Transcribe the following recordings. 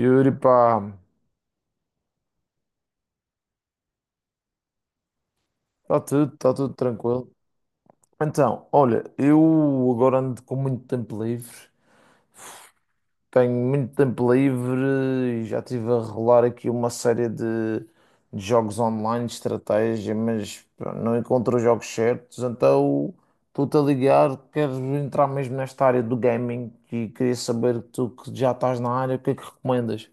Yuri, pá, está tudo tranquilo. Então, olha, eu agora ando com muito tempo livre, tenho muito tempo livre e já estive a rolar aqui uma série de jogos online, de estratégia, mas pá, não encontro os jogos certos, então estou-te a ligar, quero entrar mesmo nesta área do gaming e queria saber, tu que já estás na área, o que é que recomendas?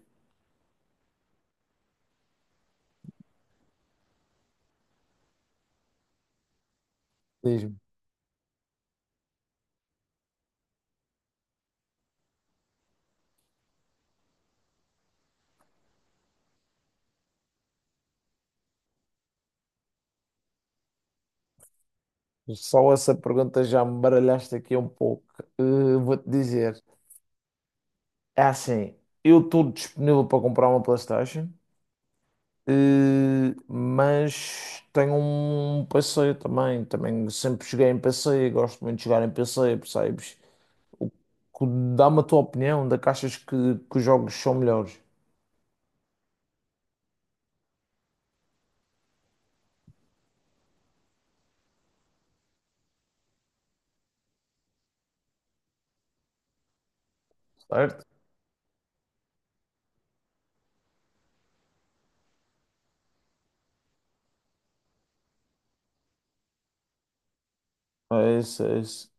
Diz-me. Só essa pergunta já me baralhaste aqui um pouco. Vou-te dizer. É assim, eu estou disponível para comprar uma PlayStation, mas tenho um PC também. Também sempre joguei em PC, gosto muito de jogar em PC, percebes? O que- Dá-me a tua opinião de que achas que os jogos são melhores, certo? É isso, é isso.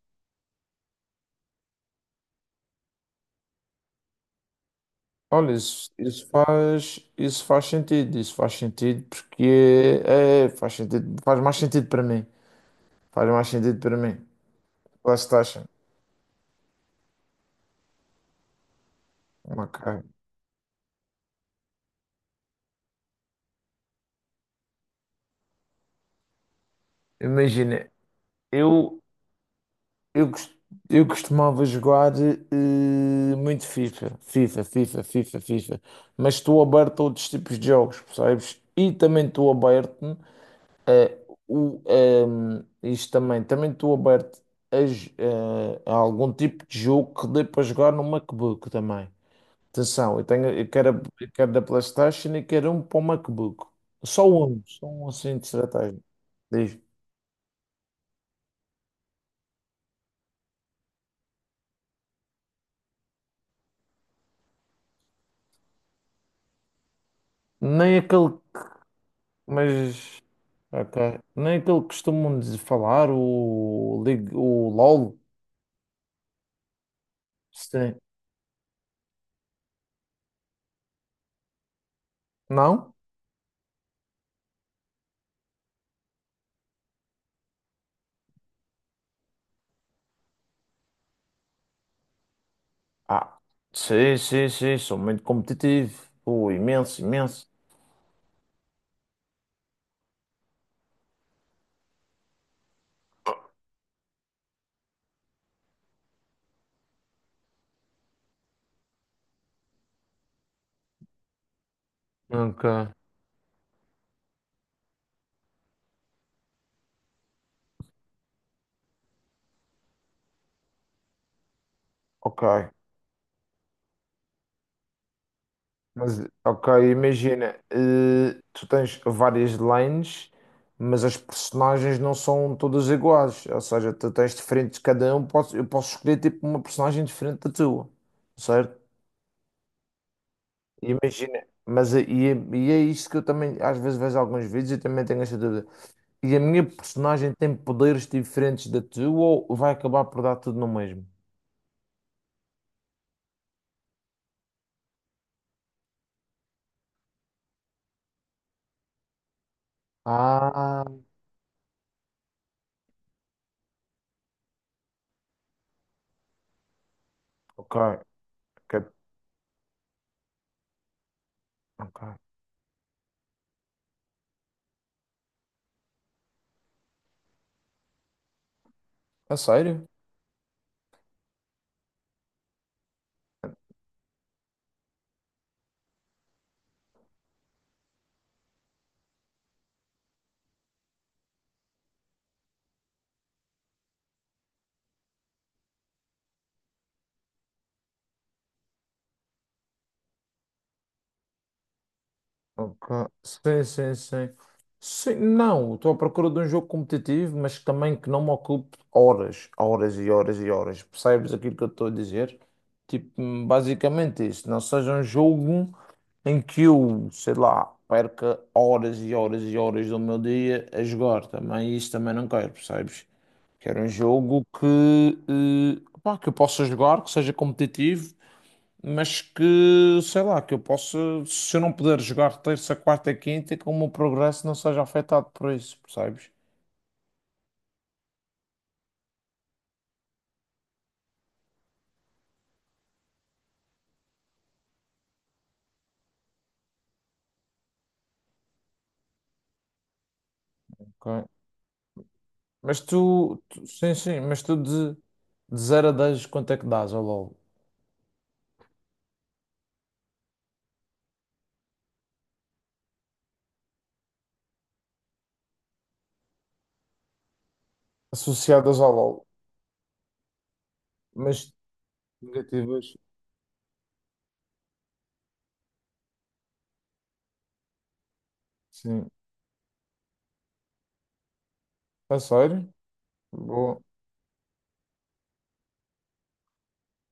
Olha, isso, isso faz sentido porque é, é, faz sentido, faz mais sentido para mim. Faz mais sentido para mim. PlayStation, ok. Imagina, eu. Eu, cos- eu costumava jogar muito FIFA, FIFA, FIFA, FIFA, FIFA, mas estou aberto a outros tipos de jogos, percebes? E também estou aberto a isto também, também estou aberto a, j- eh, a algum tipo de jogo que dê para jogar no MacBook também. Atenção, eu tenho, eu quero, a- eu quero da PlayStation e quero um para o MacBook. Só um assim de estratégia. Diz. Nem aquele. Mas, ok. Nem aquele que costumam falar, o LOL. Sim. Não? Ah, sim, sim, sim. Sou muito competitivo. Pô, imenso, imenso. Ok. Ok. Mas, ok, imagina. Tu tens várias lanes, mas as personagens não são todas iguais. Ou seja, tu tens diferentes. Cada um, eu posso escolher tipo uma personagem diferente da tua. Certo? E imagina, mas é isso que eu também às vezes vejo alguns vídeos e também tenho essa dúvida. E a minha personagem tem poderes diferentes da tua ou vai acabar por dar tudo no mesmo? Ah, ok, ok, ok. A sério? Ok. Sim, sim, sim. Sim, não, estou à procura de um jogo competitivo, mas também que não me ocupe horas, horas e horas e horas. Percebes aquilo que eu estou a dizer? Tipo, basicamente isso. Não seja um jogo em que eu, sei lá, perca horas e horas e horas do meu dia a jogar. Também isso também não quero, percebes? Quero um jogo que, pá, que eu possa jogar, que seja competitivo mas que, sei lá, que eu possa, se eu não puder jogar terça, quarta e quinta, que o meu progresso não seja afetado por isso, percebes? Ok. Mas sim, sim, mas tu de 0 a 10 quanto é que dás ao LOL? Associadas ao LOL, mas negativas, sim. A sério? Boa.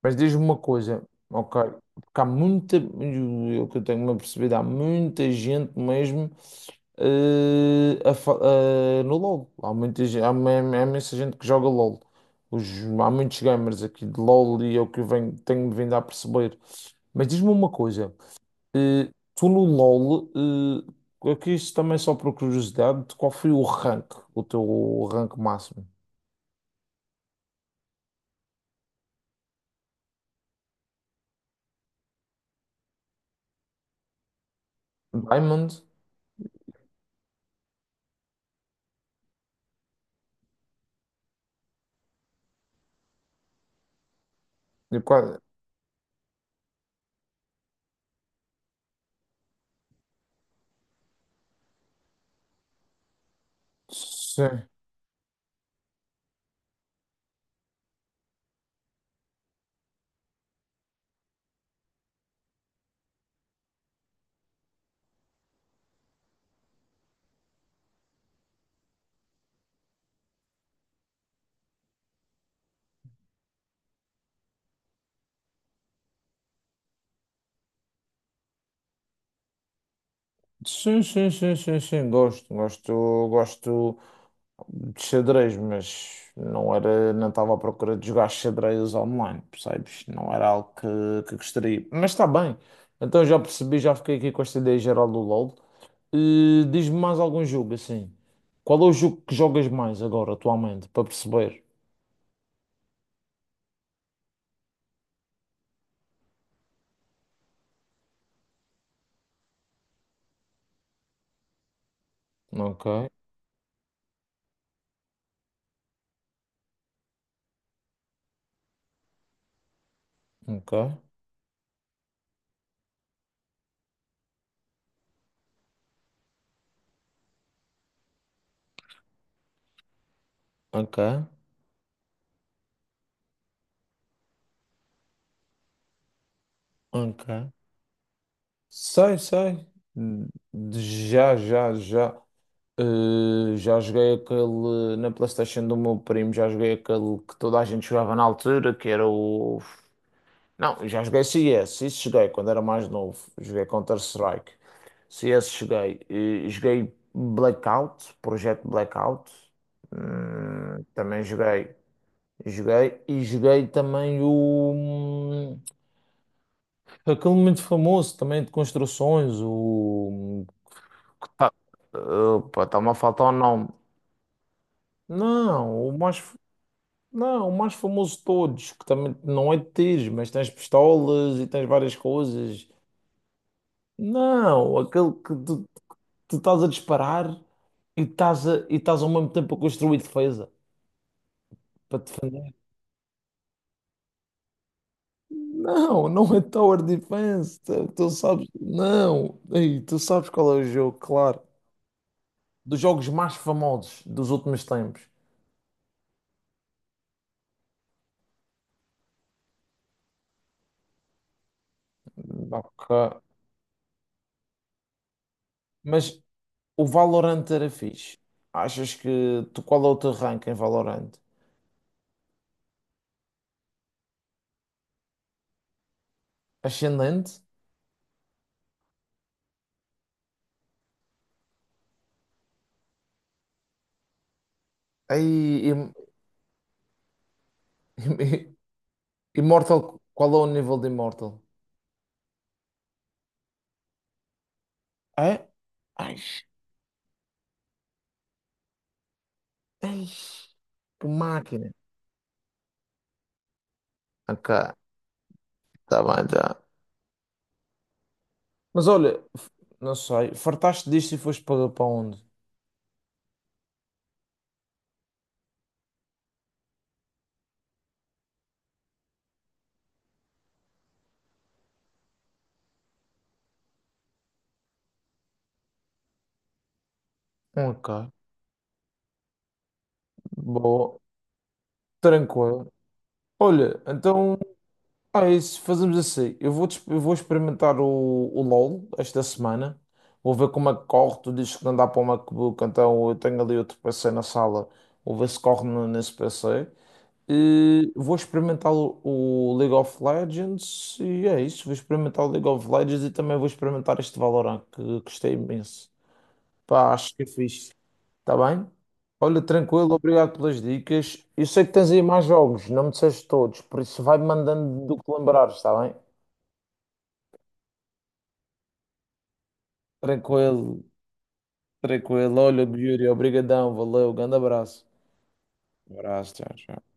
Mas diz-me uma coisa, ok? Porque há muita, eu que eu tenho-me apercebido, há muita gente mesmo no LoL. Há muita, ge- há uma- há imensa gente que joga LoL. Os, Há muitos gamers aqui de LoL e é o que eu venho, tenho vindo a perceber. Mas diz-me uma coisa, tu no LoL, aqui isto também só por curiosidade, qual foi o teu rank máximo? Diamond? De qual? Sim. Sim, sim, sim, sim, sim, gosto, gosto, gosto de xadrez, mas não era, não estava à procura de jogar xadrez online, percebes? Não era algo que gostaria, mas está bem, então já percebi, já fiquei aqui com esta ideia geral do LOL. Diz-me mais algum jogo, assim, qual é o jogo que jogas mais agora, atualmente, para perceber? Ok, ok, ok, ok, sei, sei, De- já, já, já. Já joguei aquele na PlayStation do meu primo, já joguei aquele que toda a gente jogava na altura, que era o. Não, já joguei CS, isso joguei quando era mais novo. Joguei Counter-Strike. CS joguei. Joguei Blackout, Projeto Blackout. Também joguei. Joguei e joguei também o. Aquele muito famoso também de construções, o. Que tá- Opa, está-me a faltar o nome. Não, o mais. Não, o mais famoso de todos, que também não é de tiros, mas tens pistolas e tens várias coisas. Não, aquele que tu, tu estás a disparar e estás, a, e estás ao mesmo tempo a construir defesa para te defender. Não, não é Tower Defense. Tu, tu sabes, não. Ei, tu sabes qual é o jogo, claro. Dos jogos mais famosos dos últimos tempos. Ok. Mas o Valorant era fixe. Achas que tu qual é o teu rank em Valorant? Ascendente? Aí, im- Immortal, qual é o nível de Immortal? É? Ai, ai, que máquina. Ok, tá bem, já. Mas olha, não sei, fartaste disto e foste para, para onde? Ok, boa, tranquilo. Olha, então, ah, é isso, fazemos assim. Eu vou experimentar o LOL esta semana. Vou ver como é que corre. Tu dizes que não dá para o MacBook, então eu tenho ali outro PC na sala. Vou ver se corre nesse PC. Vou experimentar o League of Legends e é isso. Vou experimentar o League of Legends e também vou experimentar este Valorant que gostei imenso. Pá, acho que é fixe. Está bem? Olha, tranquilo, obrigado pelas dicas. Eu sei que tens aí mais jogos, não me disseste todos, por isso vai-me mandando do que lembrares, está bem? Tranquilo, tranquilo. Olha, Yuri, obrigadão, valeu, grande abraço. Abraço, tchau, tchau.